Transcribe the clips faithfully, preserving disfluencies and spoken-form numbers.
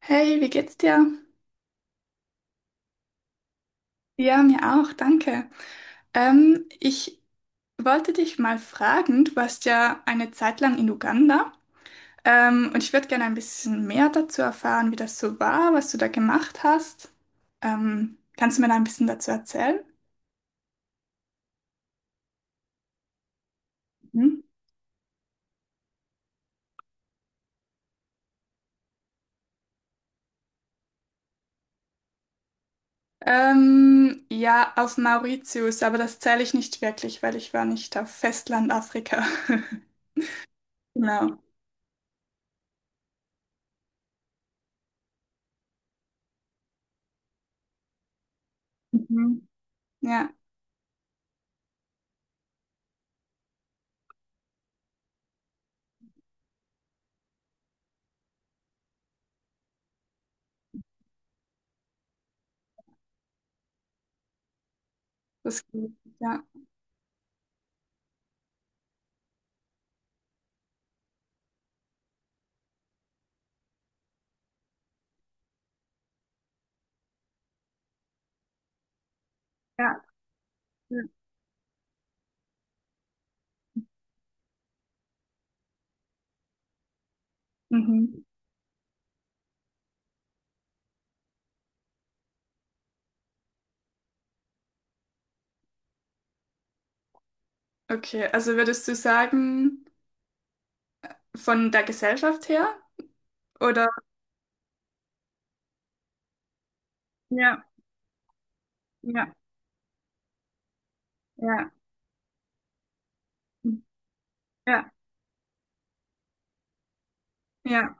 Hey, wie geht's dir? Ja, mir auch, danke. Ähm, ich wollte dich mal fragen, du warst ja eine Zeit lang in Uganda, ähm, und ich würde gerne ein bisschen mehr dazu erfahren, wie das so war, was du da gemacht hast. Ähm, kannst du mir da ein bisschen dazu erzählen? Mhm. Ähm, ja, auf Mauritius, aber das zähle ich nicht wirklich, weil ich war nicht auf Festland Afrika. Genau. Mhm. Ja, das geht. Ja. Ja. Ja. Mhm. Okay, also würdest du sagen, von der Gesellschaft her? Oder? Ja, ja, ja, ja, ja,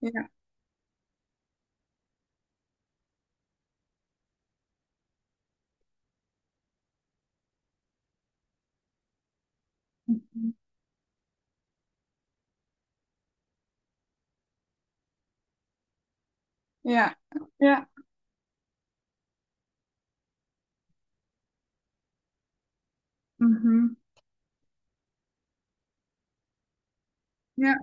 ja, mhm, ja, ja, mhm, ja,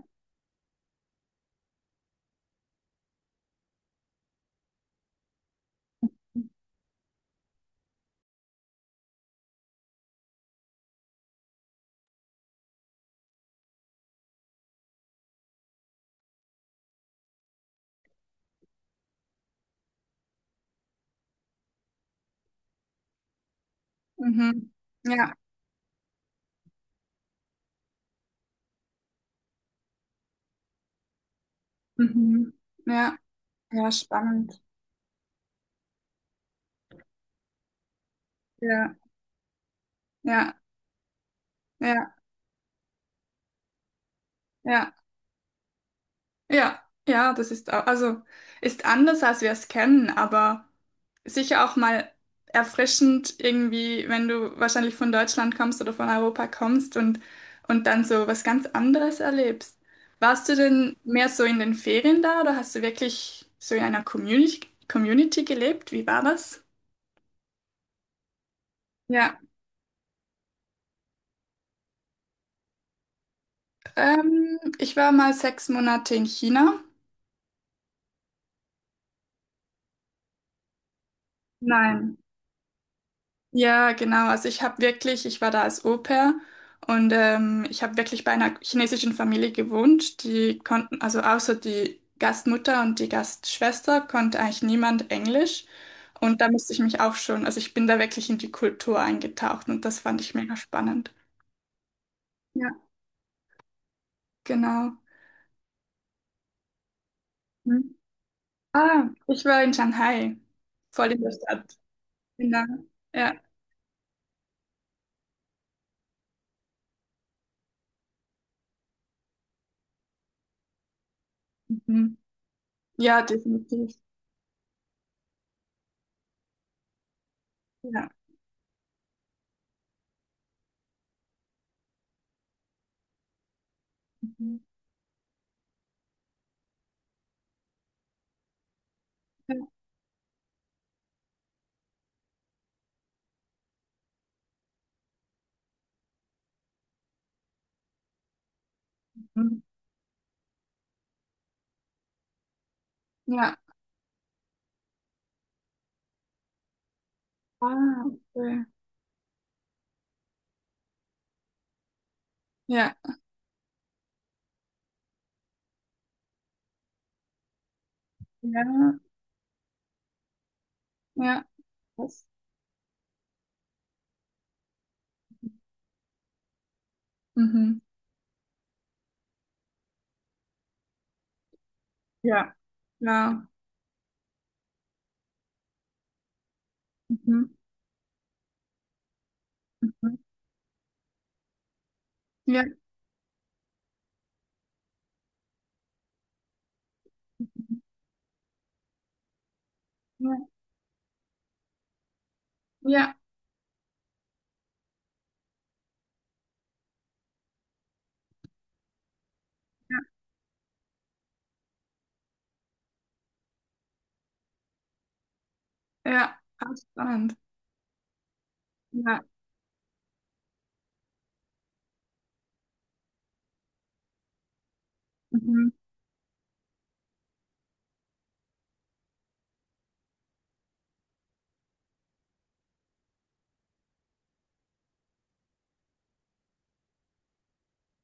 mhm, ja, mhm, ja, ja, spannend. Ja, ja, ja, ja. Ja, ja, das ist au- also ist anders, als wir es kennen, aber sicher auch mal erfrischend irgendwie, wenn du wahrscheinlich von Deutschland kommst oder von Europa kommst und und dann so was ganz anderes erlebst. Warst du denn mehr so in den Ferien da oder hast du wirklich so in einer Community, Community gelebt? Wie war das? Ja, ähm, ich war mal sechs Monate in China. Nein. Ja, genau. Also ich habe wirklich, ich war da als Au-pair und ähm, ich habe wirklich bei einer chinesischen Familie gewohnt. Die konnten, also außer die Gastmutter und die Gastschwester konnte eigentlich niemand Englisch. Und da musste ich mich auch schon, also ich bin da wirklich in die Kultur eingetaucht und das fand ich mega spannend. Ja, genau. Hm. Ah, ich war in Shanghai, voll in der Stadt. Genau. Ja, mhm. Ja, definitiv. Ja. Mhm. Ja. Mhm. Ja. Ah, okay. Ja, ja, ja. Das. Mhm. Ja. Ja. Mhm. Mhm. Ja. Ja, ja, ja, ja, ganz spannend. Ja, mhm.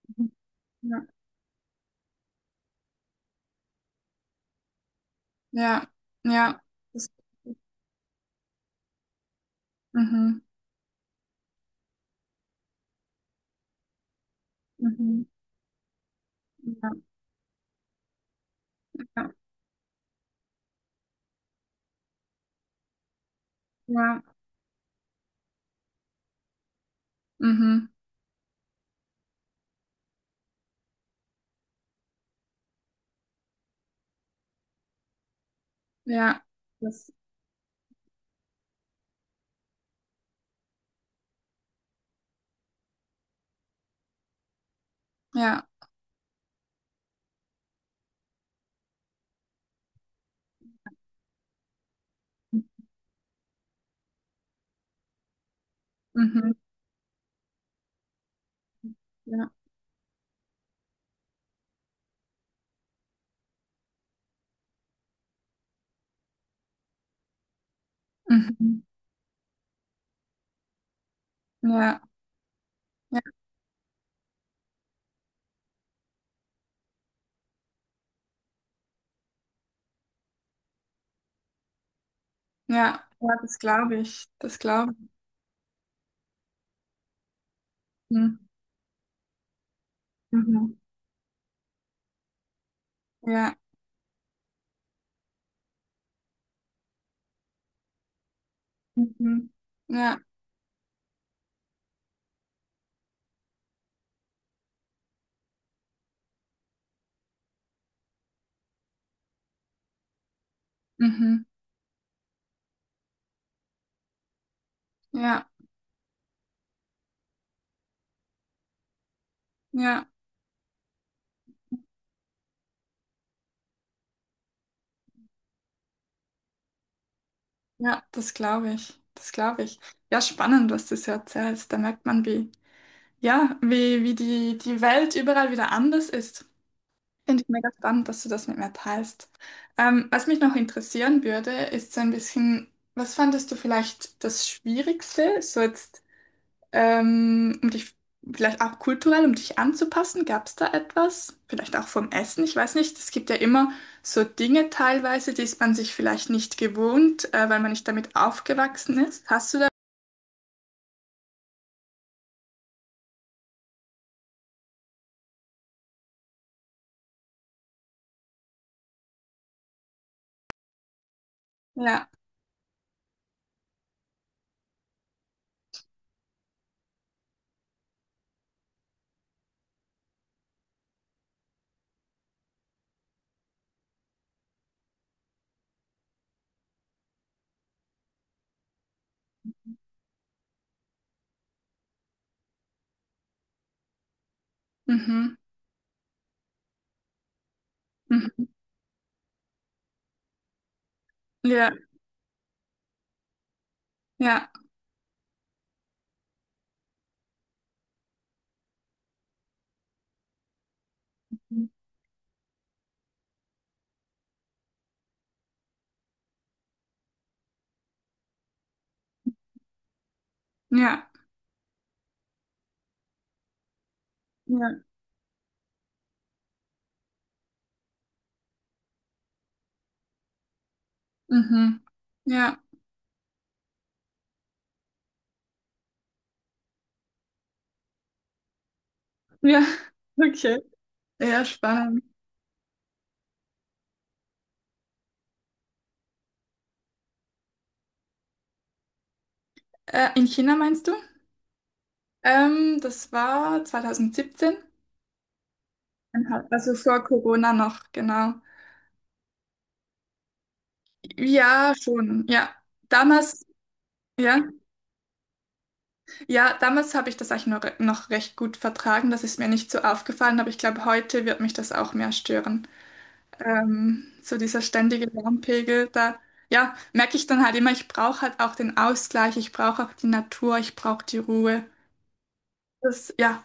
Mhm, ja, ja, ja, das, mhm. Mhm. Ja, ja, ja, mhm. Ja, das, ja, mhm. Ja, mhm. Ja, ja, ja, ja, das glaube ich, das glaube ich. Mhm. Mhm. Ja, mhm. Ja, mhm. Ja, ja. Ja, das glaube ich. Das glaube ich. Ja, spannend, was du so erzählst. Da merkt man, wie, ja, wie, wie die, die Welt überall wieder anders ist. Finde ich mega spannend, dass du das mit mir teilst. Ähm, was mich noch interessieren würde, ist so ein bisschen, was fandest du vielleicht das Schwierigste? So jetzt ähm, um dich vielleicht auch kulturell, um dich anzupassen, gab es da etwas? Vielleicht auch vom Essen, ich weiß nicht. Es gibt ja immer so Dinge teilweise, die ist man sich vielleicht nicht gewohnt, äh, weil man nicht damit aufgewachsen ist. Hast du da? Ja. Mhm. Mhm. Ja, ja, ja, ja, mhm. Ja, ja, okay. Ja, spannend. Äh, in China meinst du? Ähm, das war zwanzig siebzehn, also vor Corona noch, genau. Ja, schon, ja. Damals, ja, ja, damals habe ich das eigentlich noch, re- noch recht gut vertragen. Das ist mir nicht so aufgefallen, aber ich glaube, heute wird mich das auch mehr stören. Ähm, so dieser ständige Lärmpegel, da, ja, merke ich dann halt immer, ich brauche halt auch den Ausgleich, ich brauche auch die Natur, ich brauche die Ruhe. Das, ja.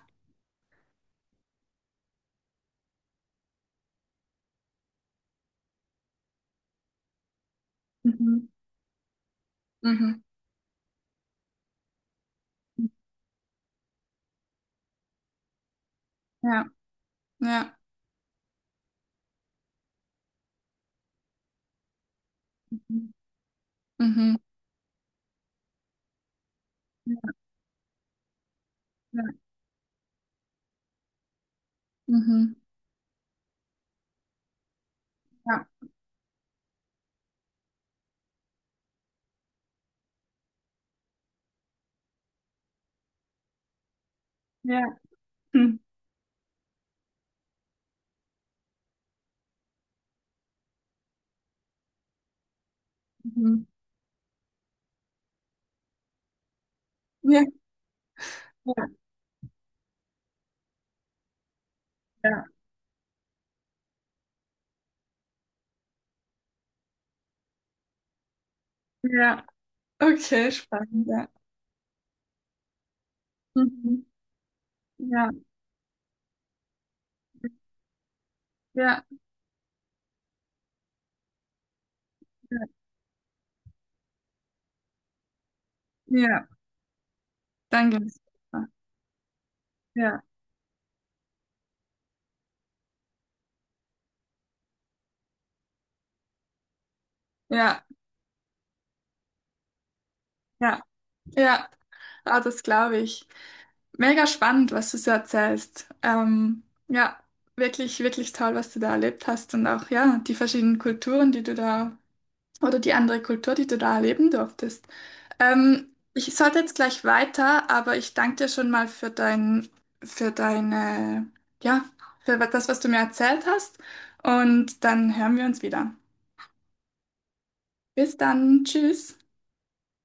Mhm. Mhm. Ja, ja. Mhm. Mhm. Ja, mhm. Ja, ja. Mhm. Mhm. Ja, ja, ja. Ja. Okay, spannend. Ja. Mhm. Ja, ja, ja, ja, danke. Ja, ja, ja, ja, ah, das glaube ich. Mega spannend, was du so erzählst. Ähm, ja, wirklich, wirklich toll, was du da erlebt hast und auch, ja, die verschiedenen Kulturen, die du da, oder die andere Kultur, die du da erleben durftest. Ähm, ich sollte jetzt gleich weiter, aber ich danke dir schon mal für dein, für deine, ja, für das, was du mir erzählt hast und dann hören wir uns wieder. Bis dann. Tschüss.